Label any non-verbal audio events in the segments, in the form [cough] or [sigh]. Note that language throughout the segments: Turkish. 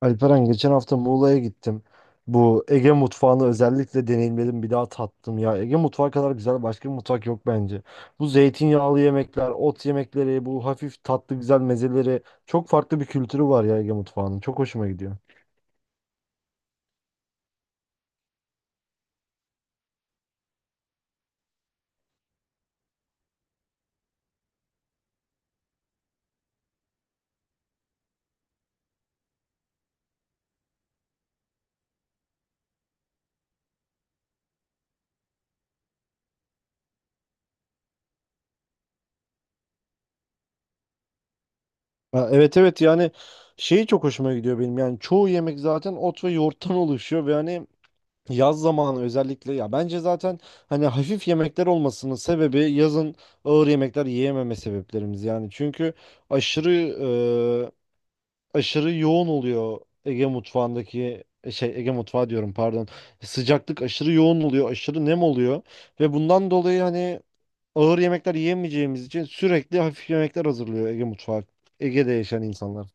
Alperen geçen hafta Muğla'ya gittim. Bu Ege mutfağını özellikle deneyimledim, bir daha tattım ya. Ege mutfağı kadar güzel başka bir mutfak yok bence. Bu zeytinyağlı yemekler, ot yemekleri, bu hafif tatlı güzel mezeleri çok farklı bir kültürü var ya Ege mutfağının. Çok hoşuma gidiyor. Ha, evet, evet, yani şeyi çok hoşuma gidiyor benim. Yani çoğu yemek zaten ot ve yoğurttan [laughs] oluşuyor ve hani yaz zamanı özellikle ya bence zaten hani hafif yemekler olmasının sebebi yazın ağır yemekler yiyememe sebeplerimiz yani. Çünkü aşırı aşırı yoğun oluyor Ege mutfağındaki şey, Ege mutfağı diyorum pardon. Sıcaklık aşırı yoğun oluyor, aşırı nem oluyor ve bundan dolayı hani ağır yemekler yiyemeyeceğimiz için sürekli hafif yemekler hazırlıyor Ege mutfağı. Ege'de yaşayan insanlar.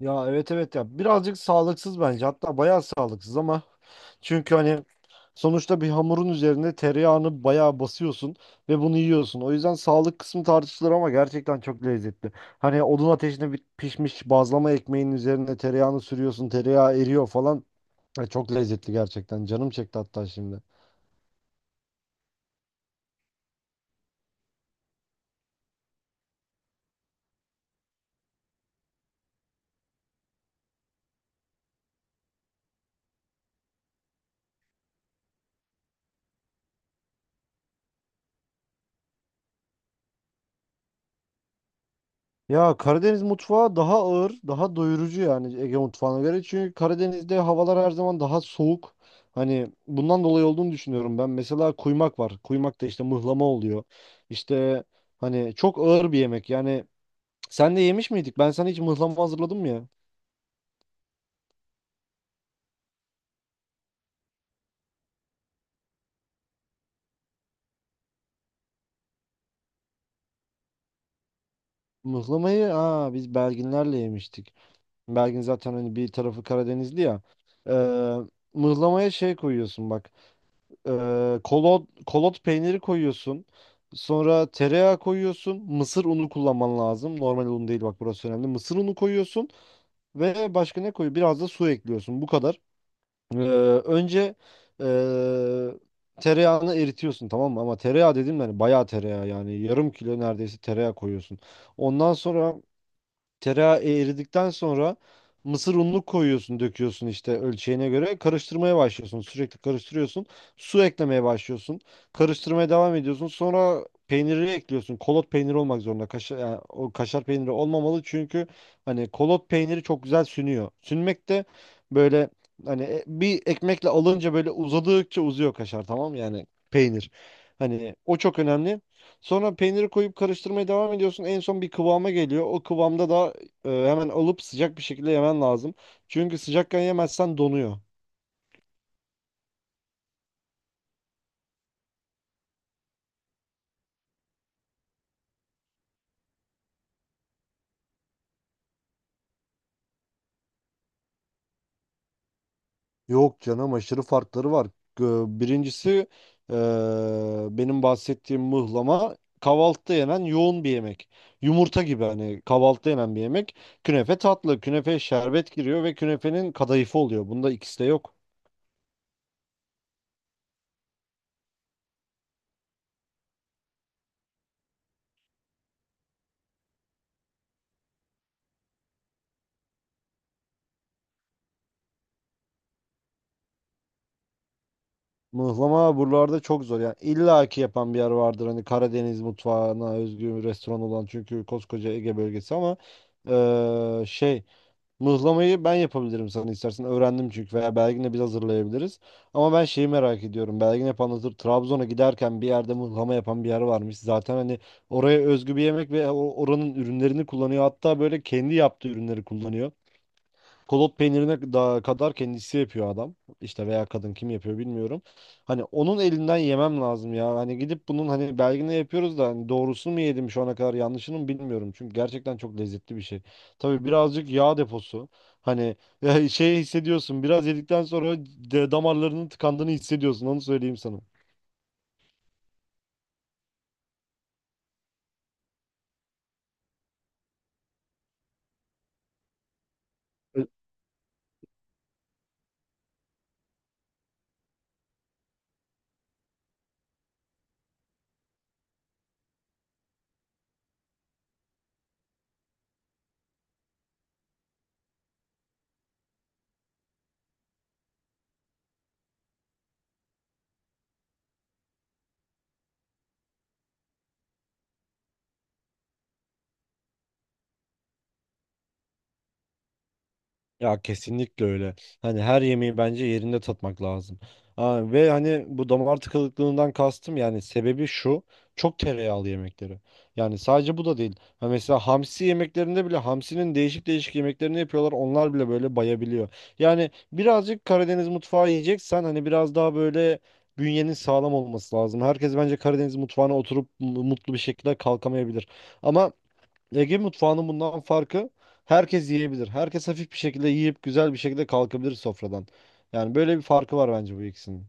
Ya evet evet ya birazcık sağlıksız bence hatta bayağı sağlıksız ama çünkü hani sonuçta bir hamurun üzerinde tereyağını bayağı basıyorsun ve bunu yiyorsun. O yüzden sağlık kısmı tartışılır ama gerçekten çok lezzetli. Hani odun ateşinde bir pişmiş bazlama ekmeğin üzerine tereyağını sürüyorsun, tereyağı eriyor falan. Ya çok lezzetli gerçekten, canım çekti hatta şimdi. Ya Karadeniz mutfağı daha ağır, daha doyurucu yani Ege mutfağına göre. Çünkü Karadeniz'de havalar her zaman daha soğuk. Hani bundan dolayı olduğunu düşünüyorum ben. Mesela kuymak var. Kuymak da işte mıhlama oluyor. İşte hani çok ağır bir yemek. Yani sen de yemiş miydik? Ben sana hiç mıhlama hazırladım ya. Mıhlamayı biz Belginlerle yemiştik. Belgin zaten hani bir tarafı Karadenizli ya. Ee, mıhlamaya şey koyuyorsun bak. Kolot peyniri koyuyorsun. Sonra tereyağı koyuyorsun. Mısır unu kullanman lazım. Normal un değil, bak burası önemli. Mısır unu koyuyorsun ve başka ne koyuyorsun? Biraz da su ekliyorsun. Bu kadar. Ee, önce ee, tereyağını eritiyorsun, tamam mı? Ama tereyağı dedim yani bayağı tereyağı, yani yarım kilo neredeyse tereyağı koyuyorsun. Ondan sonra Tereyağı eridikten sonra mısır ununu koyuyorsun, döküyorsun işte ölçeğine göre. Karıştırmaya başlıyorsun. Sürekli karıştırıyorsun. Su eklemeye başlıyorsun. Karıştırmaya devam ediyorsun. Sonra peyniri ekliyorsun. Kolot peyniri olmak zorunda. Kaşar, yani o kaşar peyniri olmamalı çünkü hani kolot peyniri çok güzel sünüyor. Sünmek de böyle hani bir ekmekle alınca böyle uzadıkça uzuyor kaşar, tamam mı? Yani peynir. Hani o çok önemli. Sonra peyniri koyup karıştırmaya devam ediyorsun. En son bir kıvama geliyor. O kıvamda da hemen alıp sıcak bir şekilde yemen lazım. Çünkü sıcakken yemezsen donuyor. Yok canım, aşırı farkları var. Birincisi e, benim bahsettiğim mıhlama kahvaltıda yenen yoğun bir yemek. Yumurta gibi, hani kahvaltıda yenen bir yemek. Künefe tatlı, künefeye şerbet giriyor ve künefenin kadayıfı oluyor. Bunda ikisi de yok. Mıhlama buralarda çok zor. Yani illa ki yapan bir yer vardır. Hani Karadeniz mutfağına özgü bir restoran olan, çünkü koskoca Ege bölgesi ama şey, mıhlamayı ben yapabilirim sana istersen. Öğrendim çünkü, veya Belgin'le biz hazırlayabiliriz. Ama ben şeyi merak ediyorum. Belgin hep anlatır. Trabzon'a giderken bir yerde mıhlama yapan bir yer varmış. Zaten hani oraya özgü bir yemek ve oranın ürünlerini kullanıyor. Hatta böyle kendi yaptığı ürünleri kullanıyor. Kolot peynirine da kadar kendisi yapıyor adam. İşte veya kadın, kim yapıyor bilmiyorum. Hani onun elinden yemem lazım ya. Hani gidip bunun hani belgini yapıyoruz da hani doğrusunu mu yedim şu ana kadar yanlışını mı, bilmiyorum. Çünkü gerçekten çok lezzetli bir şey. Tabii birazcık yağ deposu. Hani [laughs] şey hissediyorsun. Biraz yedikten sonra damarlarının tıkandığını hissediyorsun. Onu söyleyeyim sana. Ya kesinlikle öyle. Hani her yemeği bence yerinde tatmak lazım. Ha, ve hani bu damar tıkanıklığından kastım, yani sebebi şu. Çok tereyağlı yemekleri. Yani sadece bu da değil. Ha mesela hamsi yemeklerinde bile hamsinin değişik değişik yemeklerini yapıyorlar. Onlar bile böyle bayabiliyor. Yani birazcık Karadeniz mutfağı yiyeceksen hani biraz daha böyle bünyenin sağlam olması lazım. Herkes bence Karadeniz mutfağına oturup mutlu bir şekilde kalkamayabilir. Ama Ege mutfağının bundan farkı, herkes yiyebilir. Herkes hafif bir şekilde yiyip güzel bir şekilde kalkabilir sofradan. Yani böyle bir farkı var bence bu ikisinin.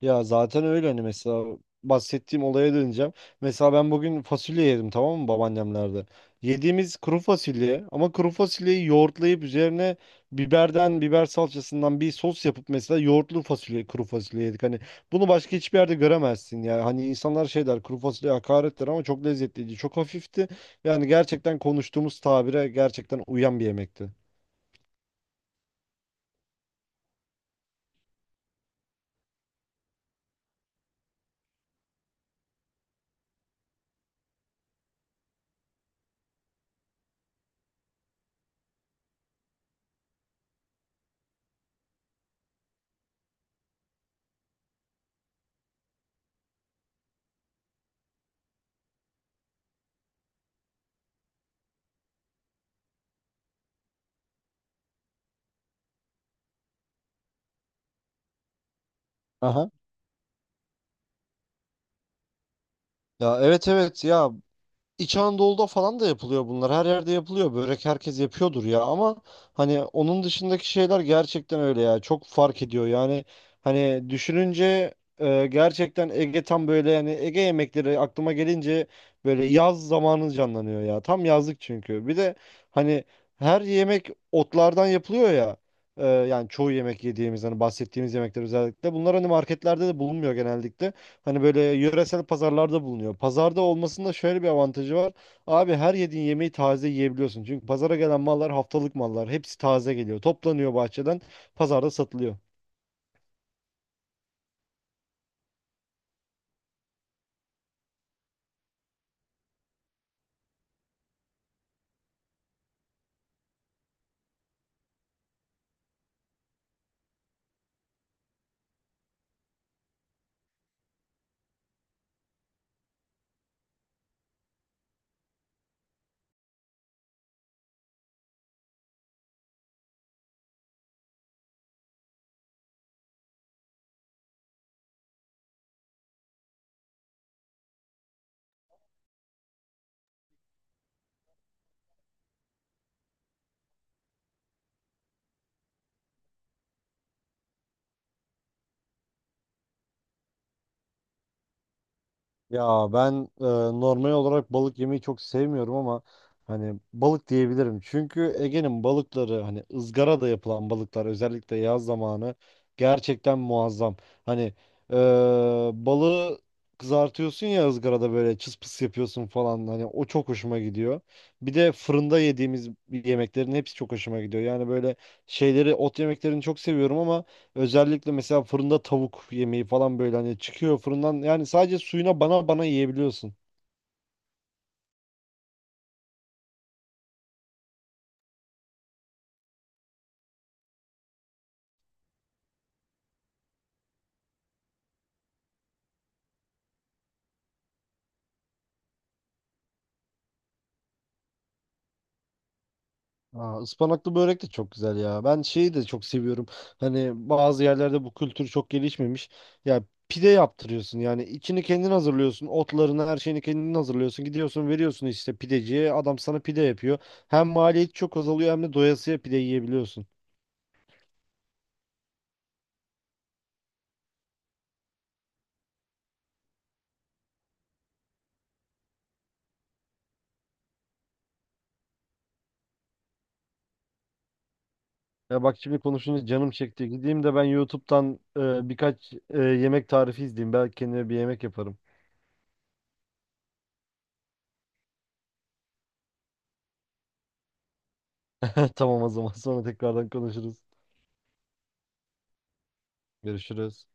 Ya zaten öyle, hani mesela bahsettiğim olaya döneceğim. Mesela ben bugün fasulye yedim, tamam mı, babaannemlerde. Yediğimiz kuru fasulye ama kuru fasulyeyi yoğurtlayıp üzerine biberden, biber salçasından bir sos yapıp mesela yoğurtlu fasulye, kuru fasulye yedik. Hani bunu başka hiçbir yerde göremezsin ya. Hani insanlar şey der, kuru fasulye hakarettir, ama çok lezzetliydi, çok hafifti. Yani gerçekten konuştuğumuz tabire gerçekten uyan bir yemekti. Aha. Ya evet evet ya, İç Anadolu'da falan da yapılıyor bunlar. Her yerde yapılıyor. Börek herkes yapıyordur ya, ama hani onun dışındaki şeyler gerçekten öyle ya. Çok fark ediyor. Yani hani düşününce gerçekten Ege tam böyle, yani Ege yemekleri aklıma gelince böyle yaz zamanı canlanıyor ya. Tam yazlık çünkü. Bir de hani her yemek otlardan yapılıyor ya. Yani çoğu yemek yediğimiz hani bahsettiğimiz yemekler özellikle. Bunlar hani marketlerde de bulunmuyor genellikle. Hani böyle yöresel pazarlarda bulunuyor. Pazarda olmasının da şöyle bir avantajı var. Abi her yediğin yemeği taze yiyebiliyorsun. Çünkü pazara gelen mallar haftalık mallar. Hepsi taze geliyor. Toplanıyor bahçeden. Pazarda satılıyor. Ya ben e, normal olarak balık yemeyi çok sevmiyorum ama hani balık diyebilirim. Çünkü Ege'nin balıkları, hani ızgarada yapılan balıklar özellikle yaz zamanı, gerçekten muazzam. Hani e, balığı kızartıyorsun ya, ızgarada böyle çıs pıs yapıyorsun falan, hani o çok hoşuma gidiyor. Bir de fırında yediğimiz yemeklerin hepsi çok hoşuma gidiyor. Yani böyle şeyleri, ot yemeklerini çok seviyorum ama özellikle mesela fırında tavuk yemeği falan, böyle hani çıkıyor fırından, yani sadece suyuna bana bana yiyebiliyorsun. Aa, ıspanaklı börek de çok güzel ya. Ben şeyi de çok seviyorum. Hani bazı yerlerde bu kültür çok gelişmemiş. Ya pide yaptırıyorsun, yani içini kendin hazırlıyorsun. Otlarını, her şeyini kendin hazırlıyorsun. Gidiyorsun veriyorsun işte pideciye, adam sana pide yapıyor. Hem maliyet çok azalıyor hem de doyasıya pide yiyebiliyorsun. Ya bak, şimdi konuşunca canım çekti. Gideyim de ben YouTube'dan birkaç yemek tarifi izleyeyim. Belki kendime bir yemek yaparım. [laughs] Tamam, o zaman sonra tekrardan konuşuruz. Görüşürüz.